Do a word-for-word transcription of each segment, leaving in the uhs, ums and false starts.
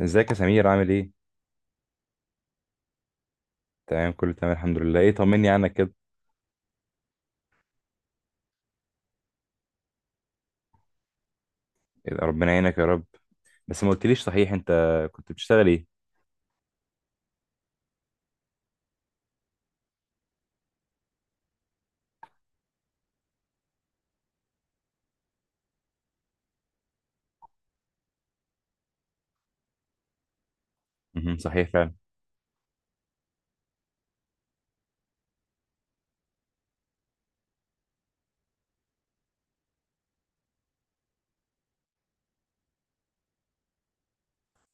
ازيك يا سمير، عامل ايه؟ تمام، كله تمام الحمد لله. ايه، طمني عنك كده. إيه، ربنا يعينك يا رب. بس ما قلتليش، صحيح انت كنت بتشتغل ايه؟ مهم، صحيح فعلا.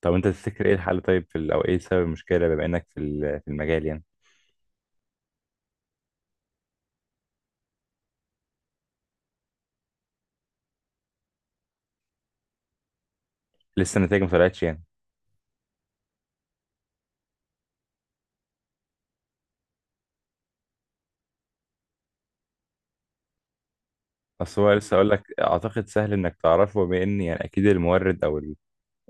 طب انت تفتكر ايه الحل؟ طيب في ال- او ايه سبب المشكلة، بما انك في ال- في المجال يعني؟ لسه النتائج ما طلعتش يعني. اصل هو لسه، اقول لك، اعتقد سهل انك تعرفه، بما ان يعني اكيد المورد، او ال-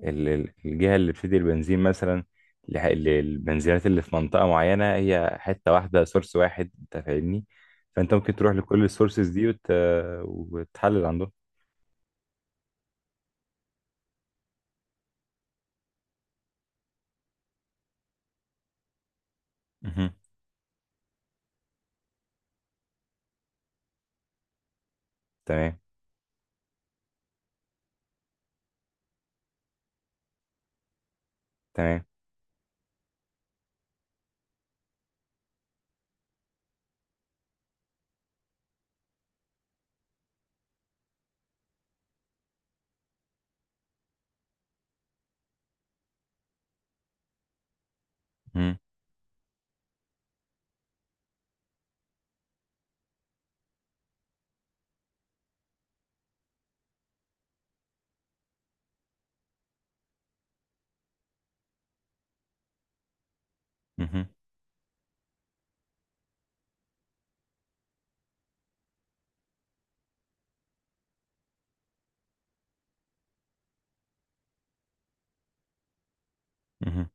ال- الجهة اللي بتدي البنزين مثلا، لح- للبنزينات اللي في منطقة معينة، هي حتة واحدة، سورس واحد، انت فاهمني. فانت ممكن تروح لكل السورسز دي وت... وتحلل عندهم. مهم. تمام. تمام. مهم. مهم. مهم.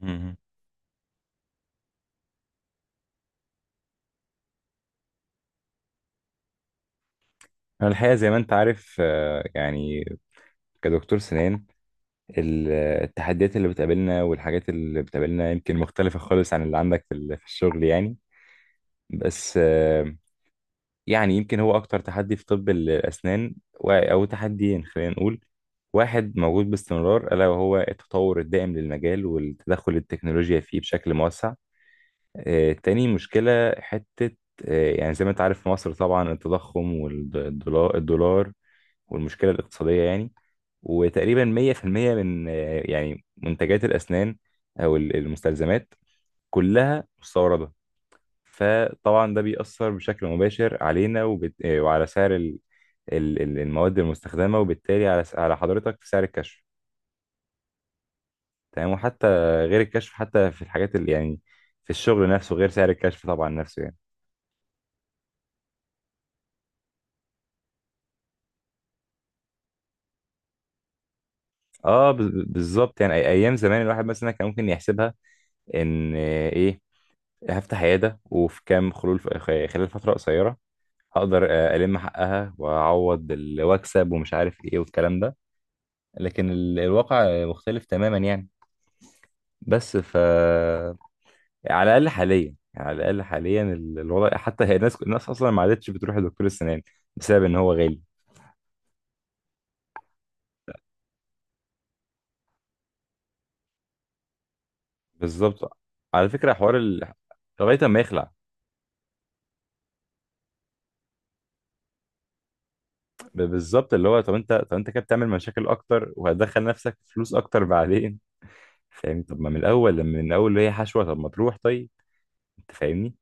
مهم. انا الحقيقة زي ما انت عارف، آه، يعني كدكتور سنان، ال- التحديات اللي بتقابلنا والحاجات اللي بتقابلنا يمكن مختلفة خالص عن اللي عندك في ال- في الشغل يعني. بس يعني يمكن هو أكتر تحدي في طب الأسنان، و- أو تحديين خلينا نقول. واحد موجود باستمرار، ألا وهو التطور الدائم للمجال والتدخل التكنولوجيا فيه بشكل موسع. آه، تاني مشكلة حتة، آه، يعني زي ما أنت عارف في مصر، طبعا التضخم والدولار الدولار والمشكلة الاقتصادية يعني. وتقريبا مية في المية من آه، يعني منتجات الأسنان أو ال- المستلزمات كلها مستوردة. فطبعا ده بيأثر بشكل مباشر علينا، وبت... آه، وعلى سعر ال... ال... ال- المواد المستخدمة، وبالتالي على س- على حضرتك في سعر الكشف. تمام، وحتى غير الكشف، حتى في الحاجات اللي يعني في الشغل نفسه غير سعر الكشف طبعا نفسه يعني. اه، بز- بالظبط يعني. أي- ايام زمان الواحد مثلا كان ممكن يحسبها، ان آه، ايه، هفتح عيادة، وفي كام خلول في- خلال فترة قصيرة هقدر آه، ألم حقها وأعوض ال- وأكسب ومش عارف إيه والكلام ده. لكن ال- الواقع مختلف تماما يعني. بس ف يعني على الاقل حاليا، يعني على الاقل حاليا ال- الوضع، حتى هي الناس، الناس اصلا ما عادتش بتروح لدكتور السنان بسبب ان هو غالي. بالظبط. على فكره حوار ال... لغايه ما يخلع. ب- بالظبط. اللي هو طب انت طب انت كده بتعمل مشاكل اكتر، وهتدخل نفسك في فلوس اكتر بعدين، فاهمني؟ طب ما من الاول، لما من الاول اللي هي حشوه، طب ما تروح؟ طيب، انت فاهمني.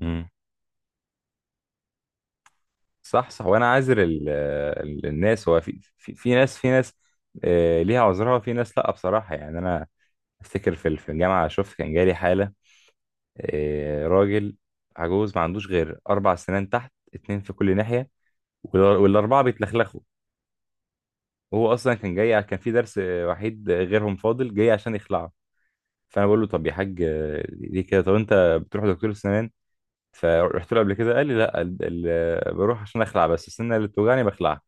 امم. صح، صح. وانا عاذر ال... ال- الناس. هو في، في, في ناس، في ناس آه، ليها عذرها، وفي ناس لا، بصراحه يعني. انا افتكر في في الجامعه شفت، كان جالي حاله، آه، راجل عجوز ما عندوش غير اربع سنان تحت، اتنين في كل ناحيه، وال- والاربعه بيتلخلخوا، وهو اصلا كان جاي، كان في درس آه، وحيد غيرهم فاضل، جاي عشان يخلعه. فانا بقول له، طب يا حاج آه، ليه كده؟ طب انت بتروح دكتور السنان؟ فرحت له قبل كده؟ قال لي لا، ال- ال- بروح عشان اخلع بس، السنه اللي بتوجعني بخلعها.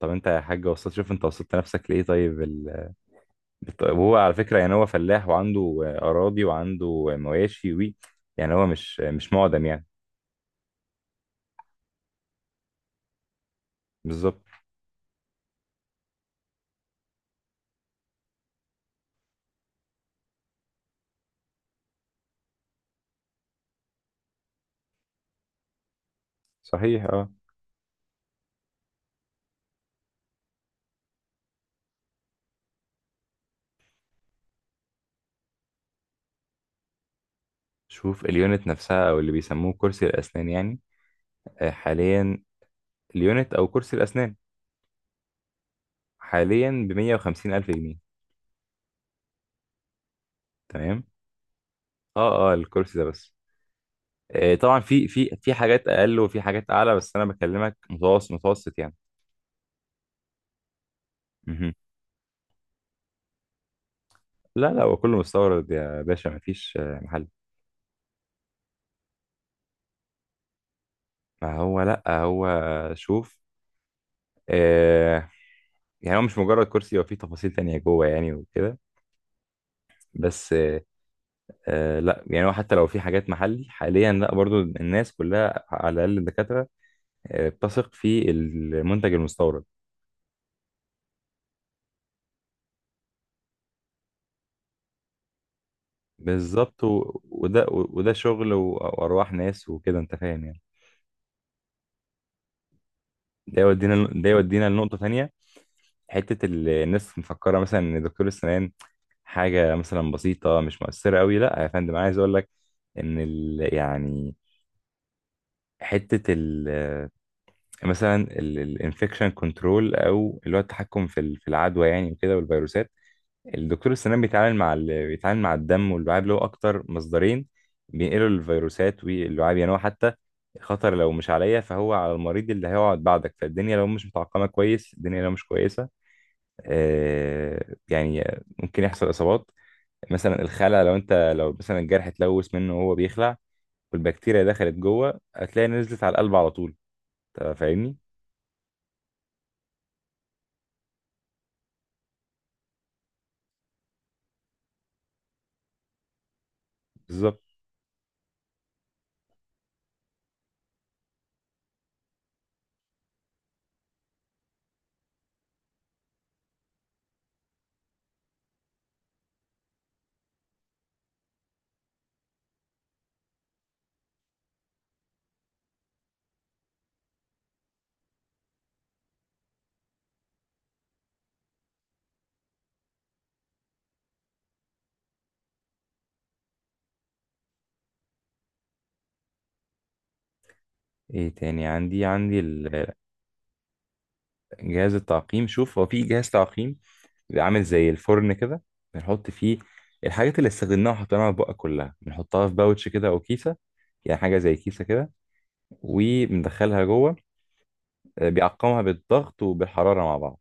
طب انت يا حاج وصلت، شوف انت وصلت نفسك لايه؟ طيب، طيب هو على فكرة يعني هو فلاح، وعنده آه، أراضي، وعنده آه، مواشي، وي، يعني هو مش آه، مش معدم يعني. بالظبط. صحيح، اه. شوف اليونت نفسها، أو اللي بيسموه كرسي الأسنان يعني، آه، حاليا... اليونت أو كرسي الأسنان حاليا بمية وخمسين ألف جنيه. تمام. اه، اه، الكرسي ده بس. آه، طبعا في في في حاجات أقل وفي حاجات أعلى، بس أنا بكلمك متوسط متوسط يعني. مهم. لا، لا، هو كله مستورد يا باشا، مفيش آه، محل. ما هو لا، هو شوف، آه، يعني هو مش مجرد كرسي، هو فيه تفاصيل تانية جوه يعني وكده. بس آه لا، يعني هو حتى لو في حاجات محلي حاليا، لا، برضو الناس كلها، على الأقل الدكاترة، آه، بتثق في المنتج المستورد. بالظبط. و- وده وده شغل و- وأرواح ناس وكده، أنت فاهم يعني. ده يودينا ده يودينا لنقطة تانية. حتة ال- الناس مفكرة مثلا إن دكتور السنان حاجة مثلا بسيطة، مش مؤثرة قوي. لا يا فندم، عايز أقول لك إن ال- يعني حتة ال... مثلا الانفكشن كنترول، او اللي هو التحكم في ال- في العدوى يعني وكده، والفيروسات. الدكتور السنان بيتعامل مع ال- بيتعامل مع الدم واللعاب، اللي هو اكتر مصدرين بينقلوا الفيروسات. واللعاب يعني هو حتى خطر، لو مش عليا فهو على المريض اللي هيقعد بعدك. فالدنيا لو مش متعقمه كويس، الدنيا لو مش كويسه، آه يعني ممكن يحصل اصابات. مثلا الخلع، لو انت لو مثلا الجرح اتلوث منه وهو بيخلع، والبكتيريا دخلت جوه، هتلاقي نزلت على القلب على طول. أنت فاهمني؟ بالظبط. ايه تاني عندي عندي ال- جهاز التعقيم. شوف، هو في جهاز تعقيم بيبقى عامل زي الفرن كده، بنحط فيه الحاجات اللي استخدمناها وحطيناها في بقى، كلها بنحطها في باوتش كده او كيسه، يعني حاجه زي كيسه كده، وبندخلها جوه. آه، بيعقمها بالضغط وبالحراره مع بعض.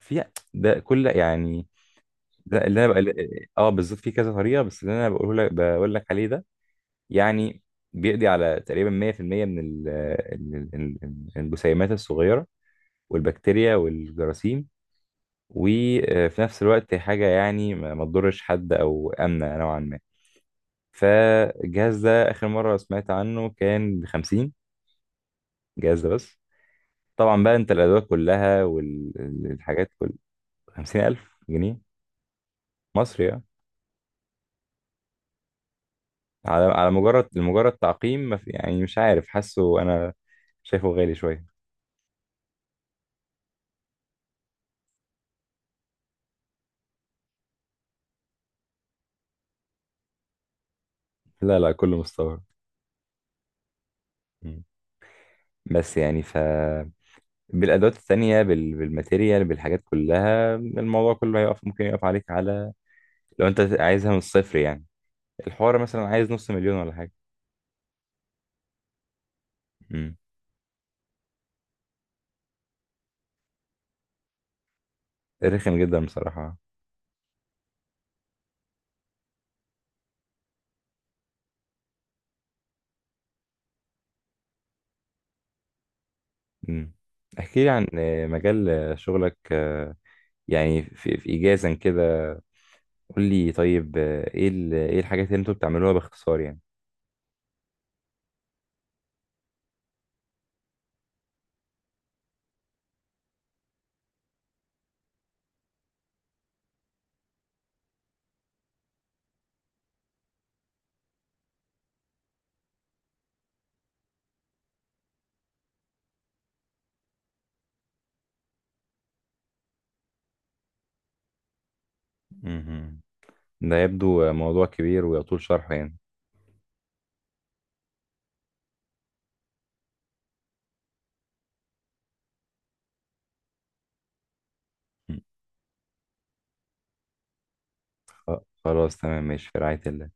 في ده كل يعني، ده اللي انا بقى... اه، بالظبط، في كذا طريقه، بس اللي انا بقوله لك بقول لك عليه ده يعني، بيقضي على تقريبا مية في المية من ال- ال- ال- ال- الجسيمات الصغيره والبكتيريا والجراثيم. وفي نفس الوقت هي حاجة يعني ما ما تضرش حد، أو آمنة نوعا ما. فالجهاز ده آخر مرة سمعت عنه كان بخمسين. جهاز ده بس، طبعا بقى، أنت الأدوات كلها والحاجات كل... خمسين ألف جنيه مصري يعني. على على مجرد لمجرد تعقيم؟ ما في- يعني مش عارف، حاسه أنا شايفه غالي شوية. لا، لا، كله مستورد. مم. بس يعني ف بالأدوات التانية، بال... بالماتيريال، بالحاجات كلها، الموضوع كله هيقف، ممكن يقف عليك على... لو انت عايزها من الصفر يعني الحوار مثلا عايز نص مليون ولا حاجة. امم. رخم جدا بصراحة. امم. احكي لي عن آه، مجال آه، شغلك، آه، يعني في، في إيجازا كده. قول لي طيب، آه، ايه ال- ايه الحاجات اللي انتوا بتعملوها باختصار يعني. مهم. ده يبدو موضوع كبير ويطول شرحه يعني. مم. خ- خلاص، تمام، ماشي، في رعاية الله.